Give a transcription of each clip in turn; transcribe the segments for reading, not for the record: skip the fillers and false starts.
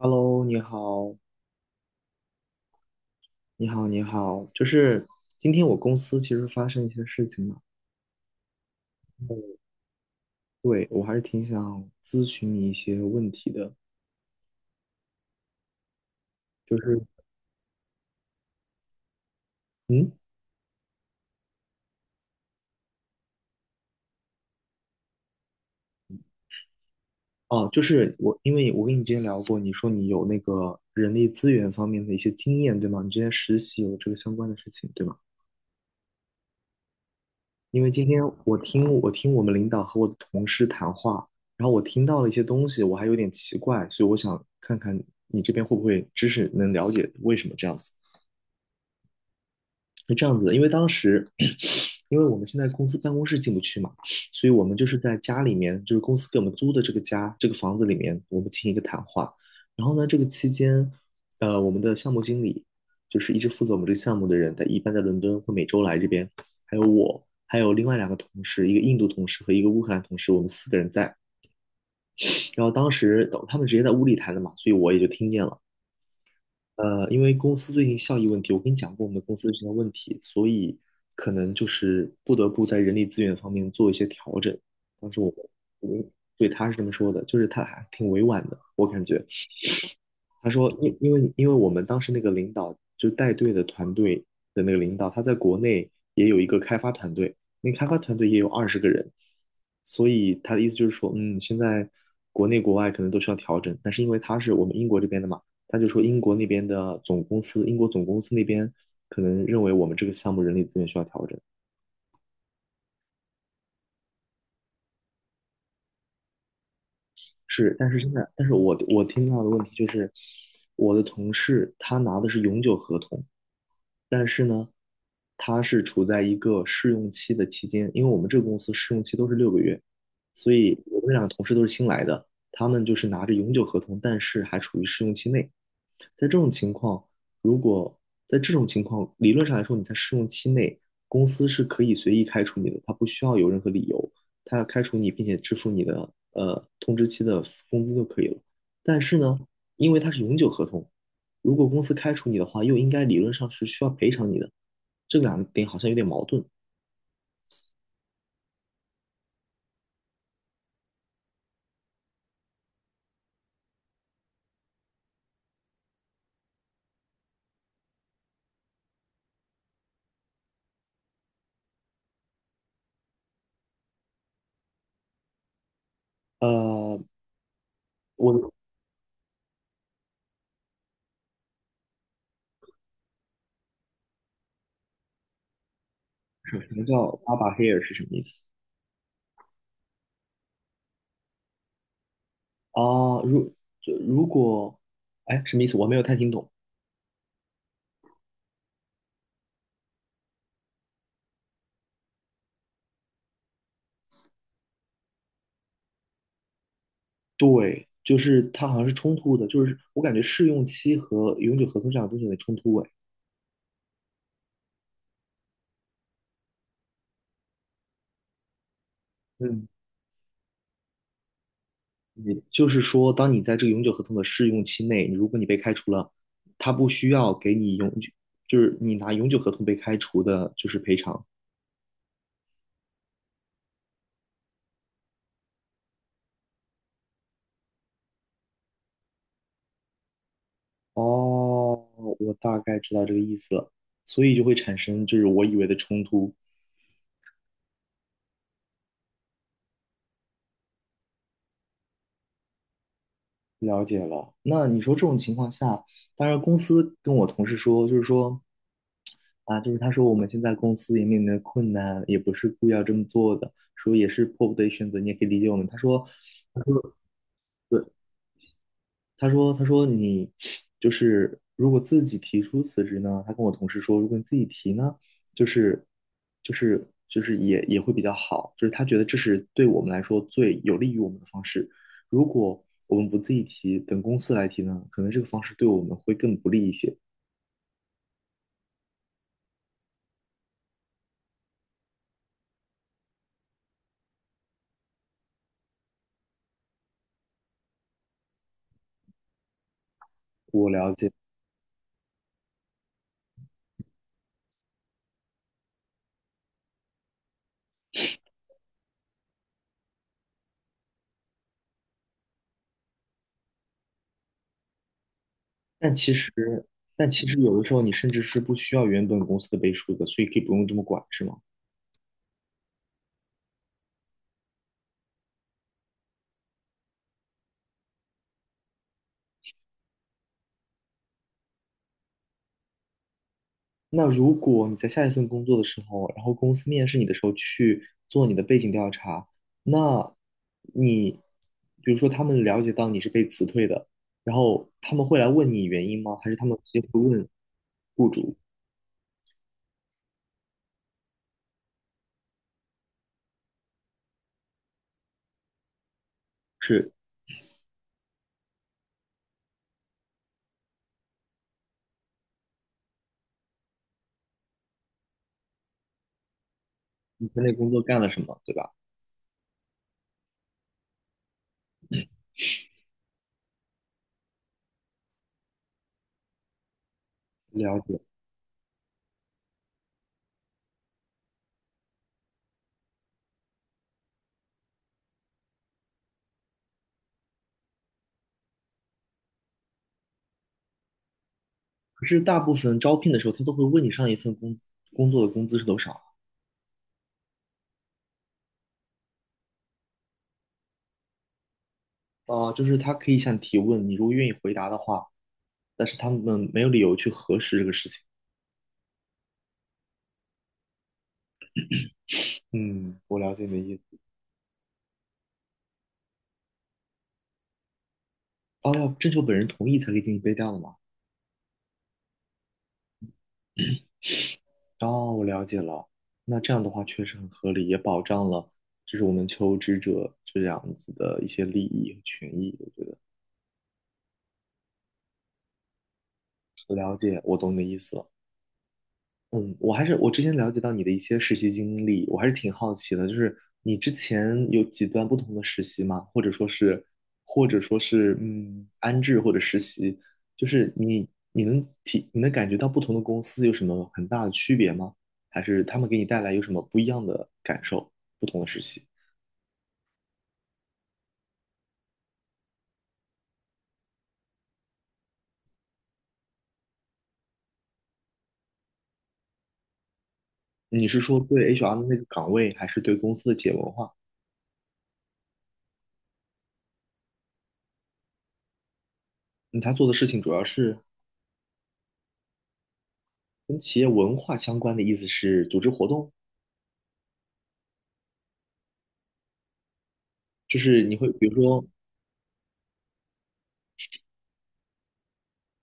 Hello，你好，就是今天我公司其实发生一些事情嘛。对，我还是挺想咨询你一些问题的。就是嗯，哦，就是我，因为我跟你之前聊过，你说你有那个人力资源方面的一些经验，对吗？你之前实习有这个相关的事情，对吗？因为今天我听我们领导和我的同事谈话，然后我听到了一些东西，我还有点奇怪，所以我想看看你这边会不会知识能了解为什么这样子。是这样子的，因为当时，因为我们现在公司办公室进不去嘛，所以我们就是在家里面，就是公司给我们租的这个家，这个房子里面，我们进行一个谈话。然后呢，这个期间，我们的项目经理，就是一直负责我们这个项目的人，在一般在伦敦会每周来这边，还有我，还有另外两个同事，一个印度同事和一个乌克兰同事，我们四个人在。然后当时他们直接在屋里谈的嘛，所以我也就听见了。因为公司最近效益问题，我跟你讲过我们公司之前的问题，所以可能就是不得不在人力资源方面做一些调整。当时我，我对他是这么说的，就是他还挺委婉的，我感觉。他说，因为我们当时那个领导就带队的团队的那个领导，他在国内也有一个开发团队，那个开发团队也有二十个人，所以他的意思就是说，嗯，现在国内国外可能都需要调整，但是因为他是我们英国这边的嘛，他就说英国那边的总公司，英国总公司那边可能认为我们这个项目人力资源需要调整。是，但是现在，但是我听到的问题就是，我的同事他拿的是永久合同。但是呢，它是处在一个试用期的期间，因为我们这个公司试用期都是六个月，所以我们两个同事都是新来的，他们就是拿着永久合同，但是还处于试用期内。在这种情况，在这种情况，理论上来说，你在试用期内，公司是可以随意开除你的，它不需要有任何理由，他要开除你并且支付你的通知期的工资就可以了。但是呢，因为它是永久合同，如果公司开除你的话，又应该理论上是需要赔偿你的，这两个点好像有点矛盾。呃，我的，什么叫 Baba Hair 是什么意思？啊，如就如果，哎，什么意思？我没有太听懂。对，就是它好像是冲突的，就是我感觉试用期和永久合同这两个东西有点冲突哎。嗯，你就是说，当你在这个永久合同的试用期内，如果你被开除了，他不需要给你永久，就是你拿永久合同被开除的，就是赔偿。哦，我大概知道这个意思了，所以就会产生就是我以为的冲突。了解了。那你说这种情况下，当然公司跟我同事说，就是说啊，就是他说我们现在公司也面临的困难，也不是故意要这么做的，说也是迫不得已选择，你也可以理解我们。他说，对，他说你就是如果自己提出辞职呢，他跟我同事说，如果你自己提呢，就是就是也会比较好，就是他觉得这是对我们来说最有利于我们的方式。如果我们不自己提，等公司来提呢，可能这个方式对我们会更不利一些。我了解。但其实，但其实有的时候你甚至是不需要原本公司的背书的，所以可以不用这么管，是吗？那如果你在下一份工作的时候，然后公司面试你的时候去做你的背景调查，那你比如说他们了解到你是被辞退的，然后他们会来问你原因吗？还是他们直接会问雇主是你在那工作干了什么，对吧？了解。可是大部分招聘的时候，他都会问你上一份工作的工资是多少。就是他可以向你提问，你如果愿意回答的话，但是他们没有理由去核实这个事情。嗯，我了解你的意思。哦，要征求本人同意才可以进行背调的嘛？哦，我了解了。那这样的话确实很合理，也保障了就是我们求职者这样子的一些利益和权益。我觉得了解，我懂你的意思了。嗯，我还是我之前了解到你的一些实习经历，我还是挺好奇的，就是你之前有几段不同的实习吗？或者说是，嗯，安置或者实习，就是你能感觉到不同的公司有什么很大的区别吗？还是他们给你带来有什么不一样的感受？不同的实习，你是说对 HR 的那个岗位，还是对公司的企业文化？嗯，他做的事情主要是跟企业文化相关的，意思是组织活动，就是你会比如说。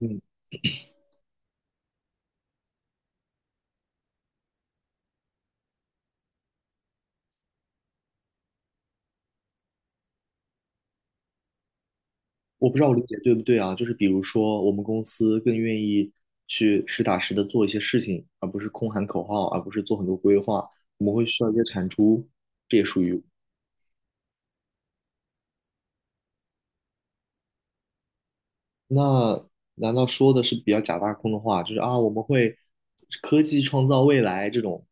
嗯。我不知道我理解对不对啊，就是比如说，我们公司更愿意去实打实的做一些事情，而不是空喊口号，而不是做很多规划。我们会需要一些产出，这也属于。那难道说的是比较假大空的话，就是啊，我们会科技创造未来这种？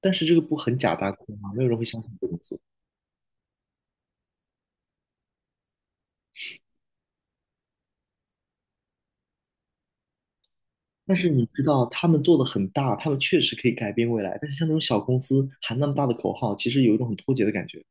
但是这个不很假大空吗？没有人会相信这个公司。但是你知道，他们做的很大，他们确实可以改变未来。但是像那种小公司喊那么大的口号，其实有一种很脱节的感觉。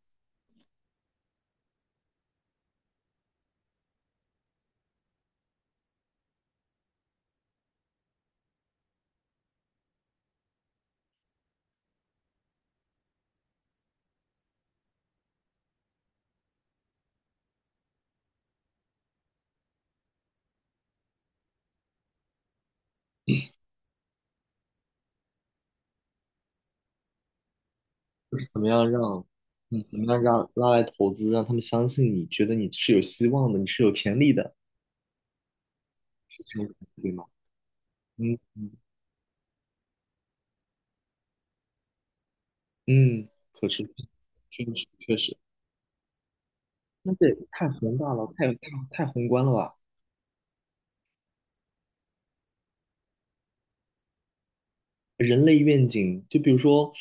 怎么样让，嗯，怎么样让拉来投资，让他们相信你，觉得你是有希望的，你是有潜力的，对吗？嗯嗯嗯。可持续，确实确实。那这太宏大了，太宏观了吧？人类愿景，就比如说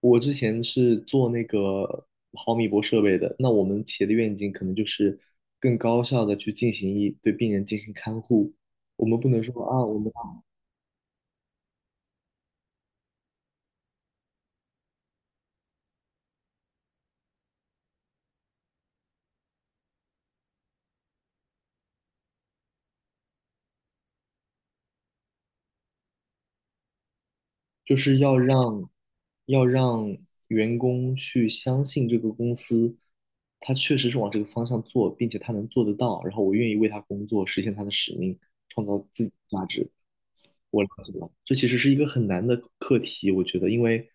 我之前是做那个毫米波设备的，那我们企业的愿景可能就是更高效的去进行一对病人进行看护，我们不能说啊，我们。就是要让员工去相信这个公司，他确实是往这个方向做，并且他能做得到，然后我愿意为他工作，实现他的使命，创造自己的价值。我了解了，这其实是一个很难的课题，我觉得，因为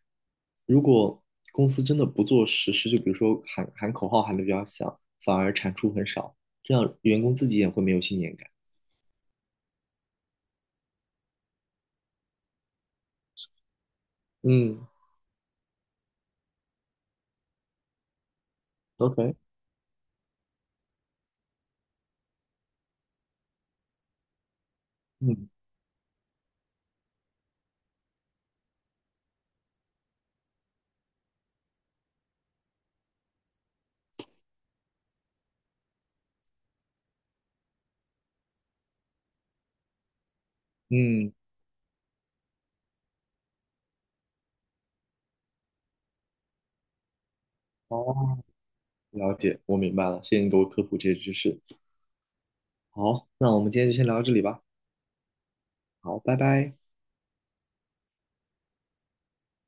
如果公司真的不做实施，就比如说喊喊口号喊得比较响，反而产出很少，这样员工自己也会没有信念感。嗯，OK。嗯嗯，好。了解，我明白了，谢谢你给我科普这些知识。好，那我们今天就先聊到这里吧。好，拜拜。